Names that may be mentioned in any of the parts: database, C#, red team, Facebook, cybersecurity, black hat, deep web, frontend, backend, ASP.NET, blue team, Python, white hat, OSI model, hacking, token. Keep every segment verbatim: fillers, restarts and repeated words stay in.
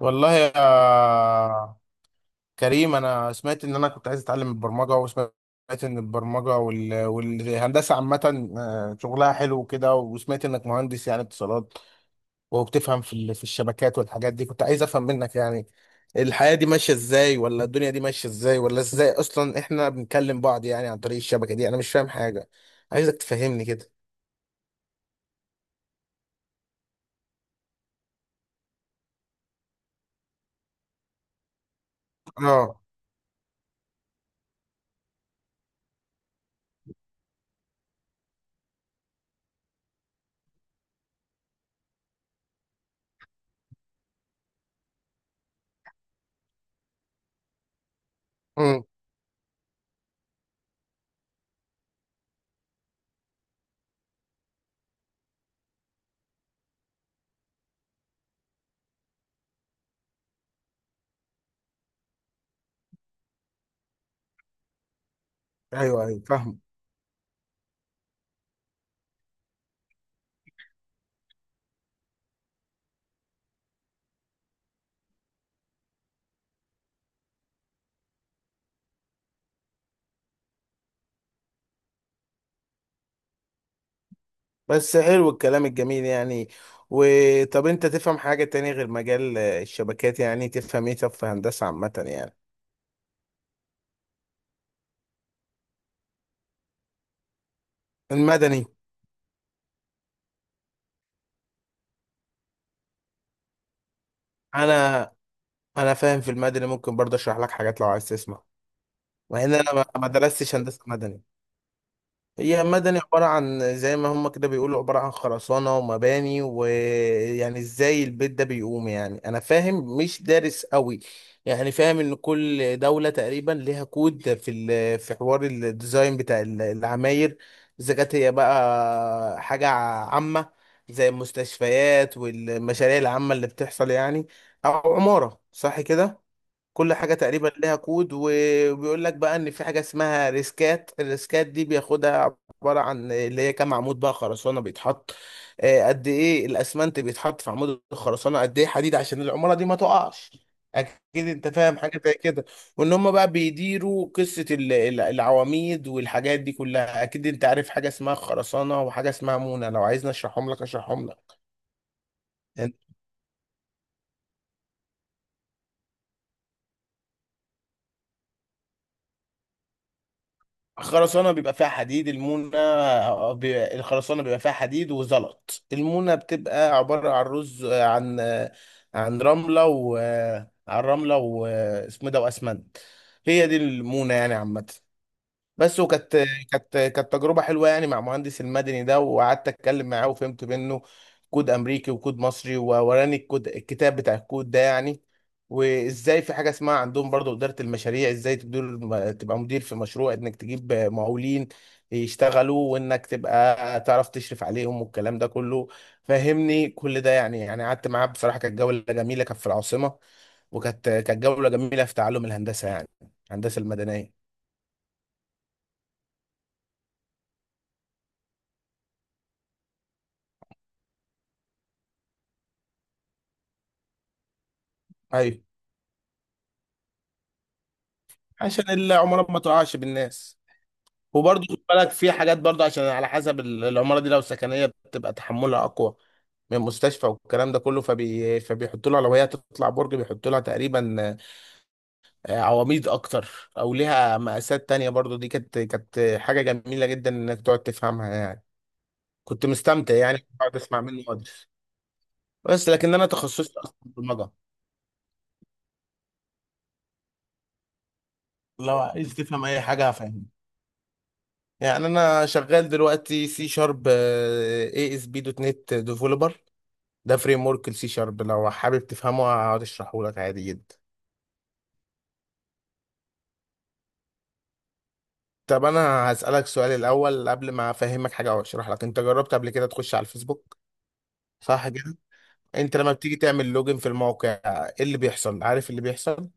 والله يا كريم، انا سمعت ان انا كنت عايز اتعلم البرمجه، وسمعت ان البرمجه وال... والهندسه عامه، آه، شغلها حلو وكده، وسمعت انك مهندس يعني اتصالات وبتفهم في ال- في الشبكات والحاجات دي. كنت عايز افهم منك يعني الحياه دي ماشيه ازاي، ولا الدنيا دي ماشيه ازاي، ولا ازاي اصلا احنا بنكلم بعض يعني عن طريق الشبكه دي. انا مش فاهم حاجه، عايزك تفهمني كده. اه. امم. ايوه، ايوه، فاهم. بس حلو الكلام الجميل يعني. وطب انت تفهم حاجة تانية غير مجال آه، الشبكات؟ يعني تفهم ايه؟ طب في هندسة عامة يعني؟ المدني؟ انا انا فاهم في المدني، ممكن برضه اشرح لك حاجات لو عايز تسمع. مع ان انا ما ما درستش هندسة مدني. هي مدني عبارة عن، زي ما هم كده بيقولوا، عبارة عن خرسانة ومباني، ويعني ازاي البيت ده بيقوم. يعني انا فاهم مش دارس قوي. يعني فاهم ان كل دولة تقريبا ليها كود في ال- في حوار الديزاين بتاع ال- العماير، اذا كانت هي بقى حاجة عامة زي المستشفيات والمشاريع العامة اللي بتحصل يعني، او عمارة، صح كده؟ كل حاجة تقريبا لها كود، وبيقول لك بقى ان في حاجة اسمها ريسكات. الريسكات دي بياخدها عبارة عن اللي هي كام عمود بقى خرسانة بيتحط، آه، قد ايه الاسمنت بيتحط في عمود الخرسانة، قد ايه حديد عشان العمارة دي ما تقعش. اكيد انت فاهم حاجة زي كده. وان هم بقى بيديروا قصة ال- ال- العواميد والحاجات دي كلها. اكيد انت عارف حاجة اسمها خرسانة وحاجة اسمها مونة. لو عايزني اشرحهم لك، اشرحهم لك. خرسانة بيبقى فيها حديد. المونة، آه، بي- الخرسانة بيبقى فيها حديد وزلط. المونة بتبقى عبارة عن رز، آه، عن آه، عن رملة و آه، عن رملة و آه، اسمه إيه ده وأسمنت. هي دي المونة يعني عامة. بس، وكانت كانت كانت تجربة حلوة يعني مع مهندس المدني ده، وقعدت اتكلم معاه وفهمت منه كود امريكي وكود مصري، ووراني الكود، الكتاب بتاع الكود ده يعني. وازاي في حاجة اسمها عندهم برضو إدارة المشاريع، ازاي تدير تبقى مدير في مشروع، انك تجيب مقاولين يشتغلوا، وانك تبقى تعرف تشرف عليهم، والكلام ده كله فهمني كل ده يعني. يعني قعدت معاه بصراحة. كانت جولة جميلة، كانت في العاصمة، وكانت كانت جولة جميلة في تعلم الهندسة يعني، الهندسة المدنية. ايوه، عشان العمارة ما تقعش بالناس. وبرضه خد بالك في حاجات، برضه عشان على حسب ال- العمارة دي، لو سكنية بتبقى تحملها أقوى من مستشفى والكلام ده كله. فبي... فبيحطوا لها، لو هي تطلع برج بيحطوا لها تقريبا آه، عواميد أكتر، أو ليها مقاسات تانية برضه. دي كانت كانت حاجة جميلة جدا إنك تقعد تفهمها يعني. كنت مستمتع يعني، بقعد أسمع منه مدرس. بس لكن أنا تخصصي أصلا برمجة. لو عايز تفهم أي حاجة هفهمك. يعني انا شغال دلوقتي سي شارب، اي اس بي دوت نت ديفلوبر. ده فريم ورك السي شارب، لو حابب تفهمه هقعد اشرحه لك عادي جدا. طب انا هسألك سؤال الاول، قبل ما افهمك حاجه او اشرح لك، انت جربت قبل كده تخش على الفيسبوك؟ صح كده؟ انت لما بتيجي تعمل لوجن في الموقع، ايه اللي بيحصل؟ عارف اللي بيحصل؟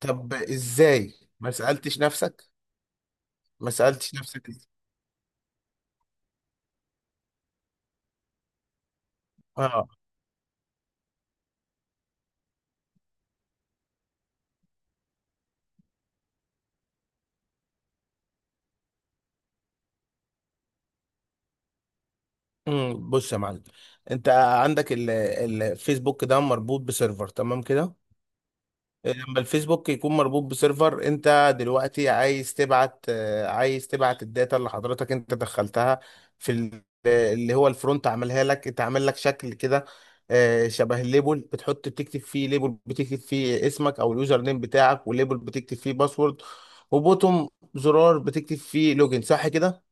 طب ازاي؟ ما سألتش نفسك؟ ما سألتش نفسك إزاي؟ اه. أمم، بص يا معلم. انت عندك ال- الفيسبوك ده مربوط بسيرفر، تمام كده؟ لما الفيسبوك يكون مربوط بسيرفر، انت دلوقتي عايز تبعت آه، عايز تبعت الداتا اللي حضرتك انت دخلتها في ال- اللي هو الفرونت عملها لك. انت عامل لك شكل كده، آه، شبه الليبل، بتحط بتكتب فيه ليبل، بتكتب فيه اسمك او اليوزر نيم بتاعك، والليبل بتكتب فيه باسورد، وبوتوم، زرار بتكتب فيه لوجن، صح كده؟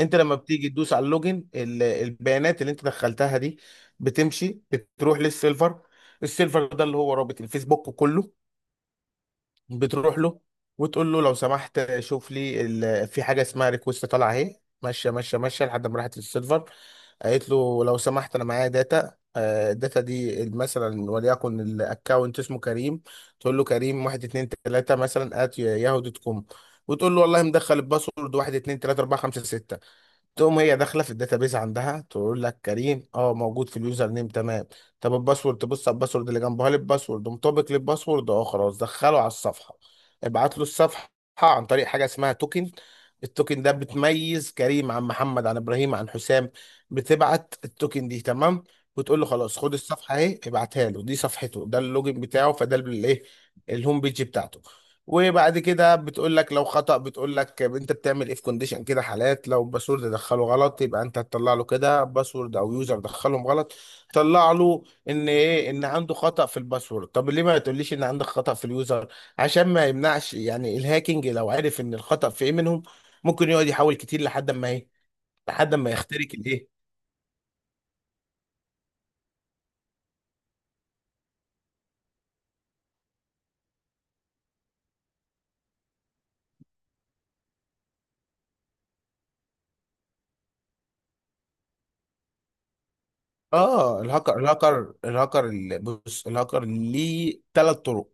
انت لما بتيجي تدوس على اللوجن، ال- البيانات اللي انت دخلتها دي بتمشي، بتروح للسيرفر. السيرفر ده اللي هو رابط الفيسبوك كله. بتروح له وتقول له لو سمحت شوف لي ال... في حاجه اسمها ريكوست طالعه اهي، ماشيه ماشيه ماشيه لحد ما راحت للسيرفر. قالت له لو سمحت انا معايا داتا، آه، الداتا دي مثلا وليكن الاكونت اسمه كريم. تقول له كريم واحد اتنين تلاته مثلا ات ياهو دوت كوم، وتقول له والله مدخل الباسورد واحد اتنين تلاته اربعه خمسه سته. تقوم هي داخله في الداتابيز عندها تقول لك كريم، اه، موجود في اليوزر نيم، تمام. طب الباسورد، تبص على الباسورد اللي جنبها، للباسورد مطابق للباسورد، اه، خلاص، دخله على الصفحه، ابعت له الصفحه عن طريق حاجه اسمها توكن. التوكن ده بتميز كريم عن محمد عن ابراهيم عن حسام. بتبعت التوكن دي، تمام. وتقول له خلاص خد الصفحه اهي، ابعتها له. دي صفحته، ده اللوجن بتاعه، فده الايه، الهوم بيج بتاعته. وبعد كده بتقول لك لو خطأ، بتقول لك انت بتعمل ايه في كونديشن كده، حالات، لو باسورد دخله غلط يبقى انت هتطلع له كده باسورد او يوزر دخلهم غلط. طلع له ان ايه، ان عنده خطأ في الباسورد. طب ليه ما تقوليش ان عندك خطأ في اليوزر؟ عشان ما يمنعش يعني الهاكينج، لو عرف ان الخطأ في ايه منهم، ممكن يقعد يحاول كتير لحد ما ايه، لحد ما يخترق الايه. اه، الهاكر الهاكر الهاكر ال- بص، الهاكر ليه ثلاث طرق.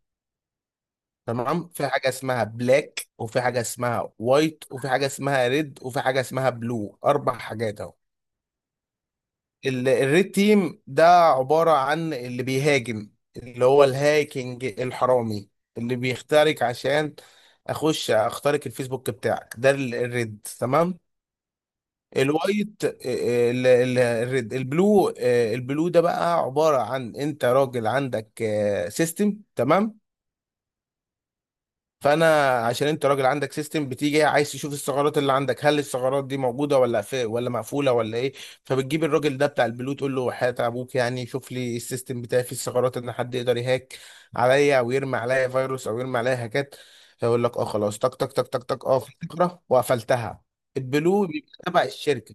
تمام، في حاجة اسمها بلاك، وفي حاجة اسمها وايت، وفي حاجة اسمها ريد، وفي حاجة اسمها بلو. أربع حاجات أهو. ال- الريد تيم ده عبارة عن اللي بيهاجم، اللي هو الهاكينج الحرامي، اللي بيخترق عشان أخش أخترق الفيسبوك بتاعك. ده ال- الريد، تمام. الوايت، ال- ال- الريد، البلو، آه، البلو ده بقى عبارة عن، انت راجل عندك سيستم، تمام. فانا عشان انت راجل عندك سيستم، بتيجي عايز تشوف الثغرات اللي عندك، هل الثغرات دي موجوده، ولا في، ولا مقفوله، ولا ايه. فبتجيب الراجل ده بتاع البلو، تقول له حياة ابوك يعني شوف لي السيستم بتاعي فيه الثغرات، ان حد يقدر يهاك عليا، او يرمي عليا فيروس، او يرمي عليا هاكات. فيقول لك اه خلاص، تك تك تك تك تك، اه، في ثغره وقفلتها. البلو بيبقى تبع الشركه.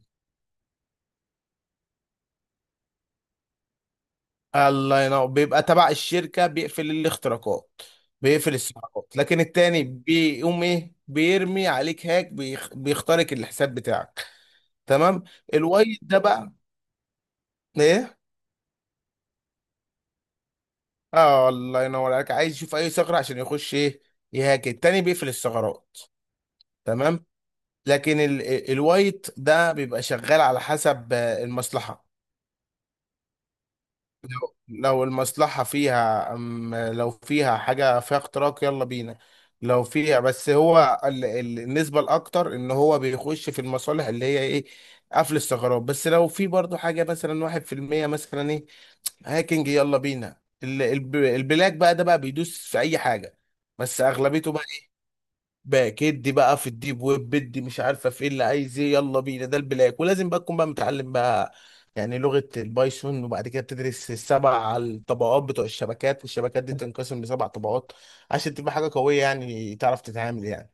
الله ينور، بيبقى تبع الشركة بيقفل الاختراقات، بيقفل السحقات. لكن التاني بيقوم ايه؟ بيرمي عليك هاك، بيخ... بيخترق الحساب بتاعك. تمام. الوايت ده بقى ايه؟ اه، الله ينور عليك، عايز يشوف اي ثغرة عشان يخش ايه؟ يهاك. التاني بيقفل الثغرات. تمام. لكن ال... ال- الوايت ده بيبقى شغال على حسب آه، المصلحة. لو لو المصلحة فيها أم، لو فيها حاجة فيها اختراق، يلا بينا. لو فيها، بس هو ال- ال- النسبة الأكتر إن هو بيخش في المصالح اللي هي إيه؟ قفل الثغرات. بس لو في برضو حاجة مثلا واحد في المية مثلا، إيه؟ هاكينج، يلا بينا. ال- الب- البلاك بقى ده بقى بيدوس في أي حاجة، بس أغلبيته بقى باك ادي بقى في الديب ويب، بدي مش عارفه في ايه اللي عايز ايه، يلا بينا. ده البلاك، ولازم بقى تكون بقى متعلم بقى يعني لغه البايثون، وبعد كده بتدرس السبع الطبقات بتوع الشبكات، والشبكات دي تنقسم لسبع طبقات عشان تبقى حاجه قويه يعني تعرف تتعامل يعني.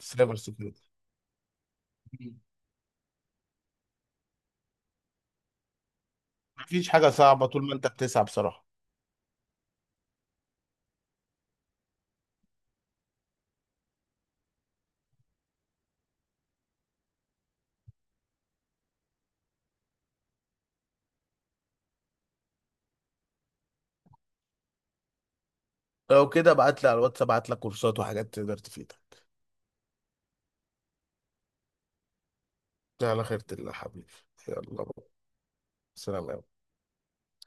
سايبر سكيورتي. مفيش حاجه صعبه طول ما انت بتسعى بصراحه. لو كده ابعت لي على الواتس، ابعت لك كورسات وحاجات تقدر تفيدك. على خيرة الله حبيبي. يلا. سلام يا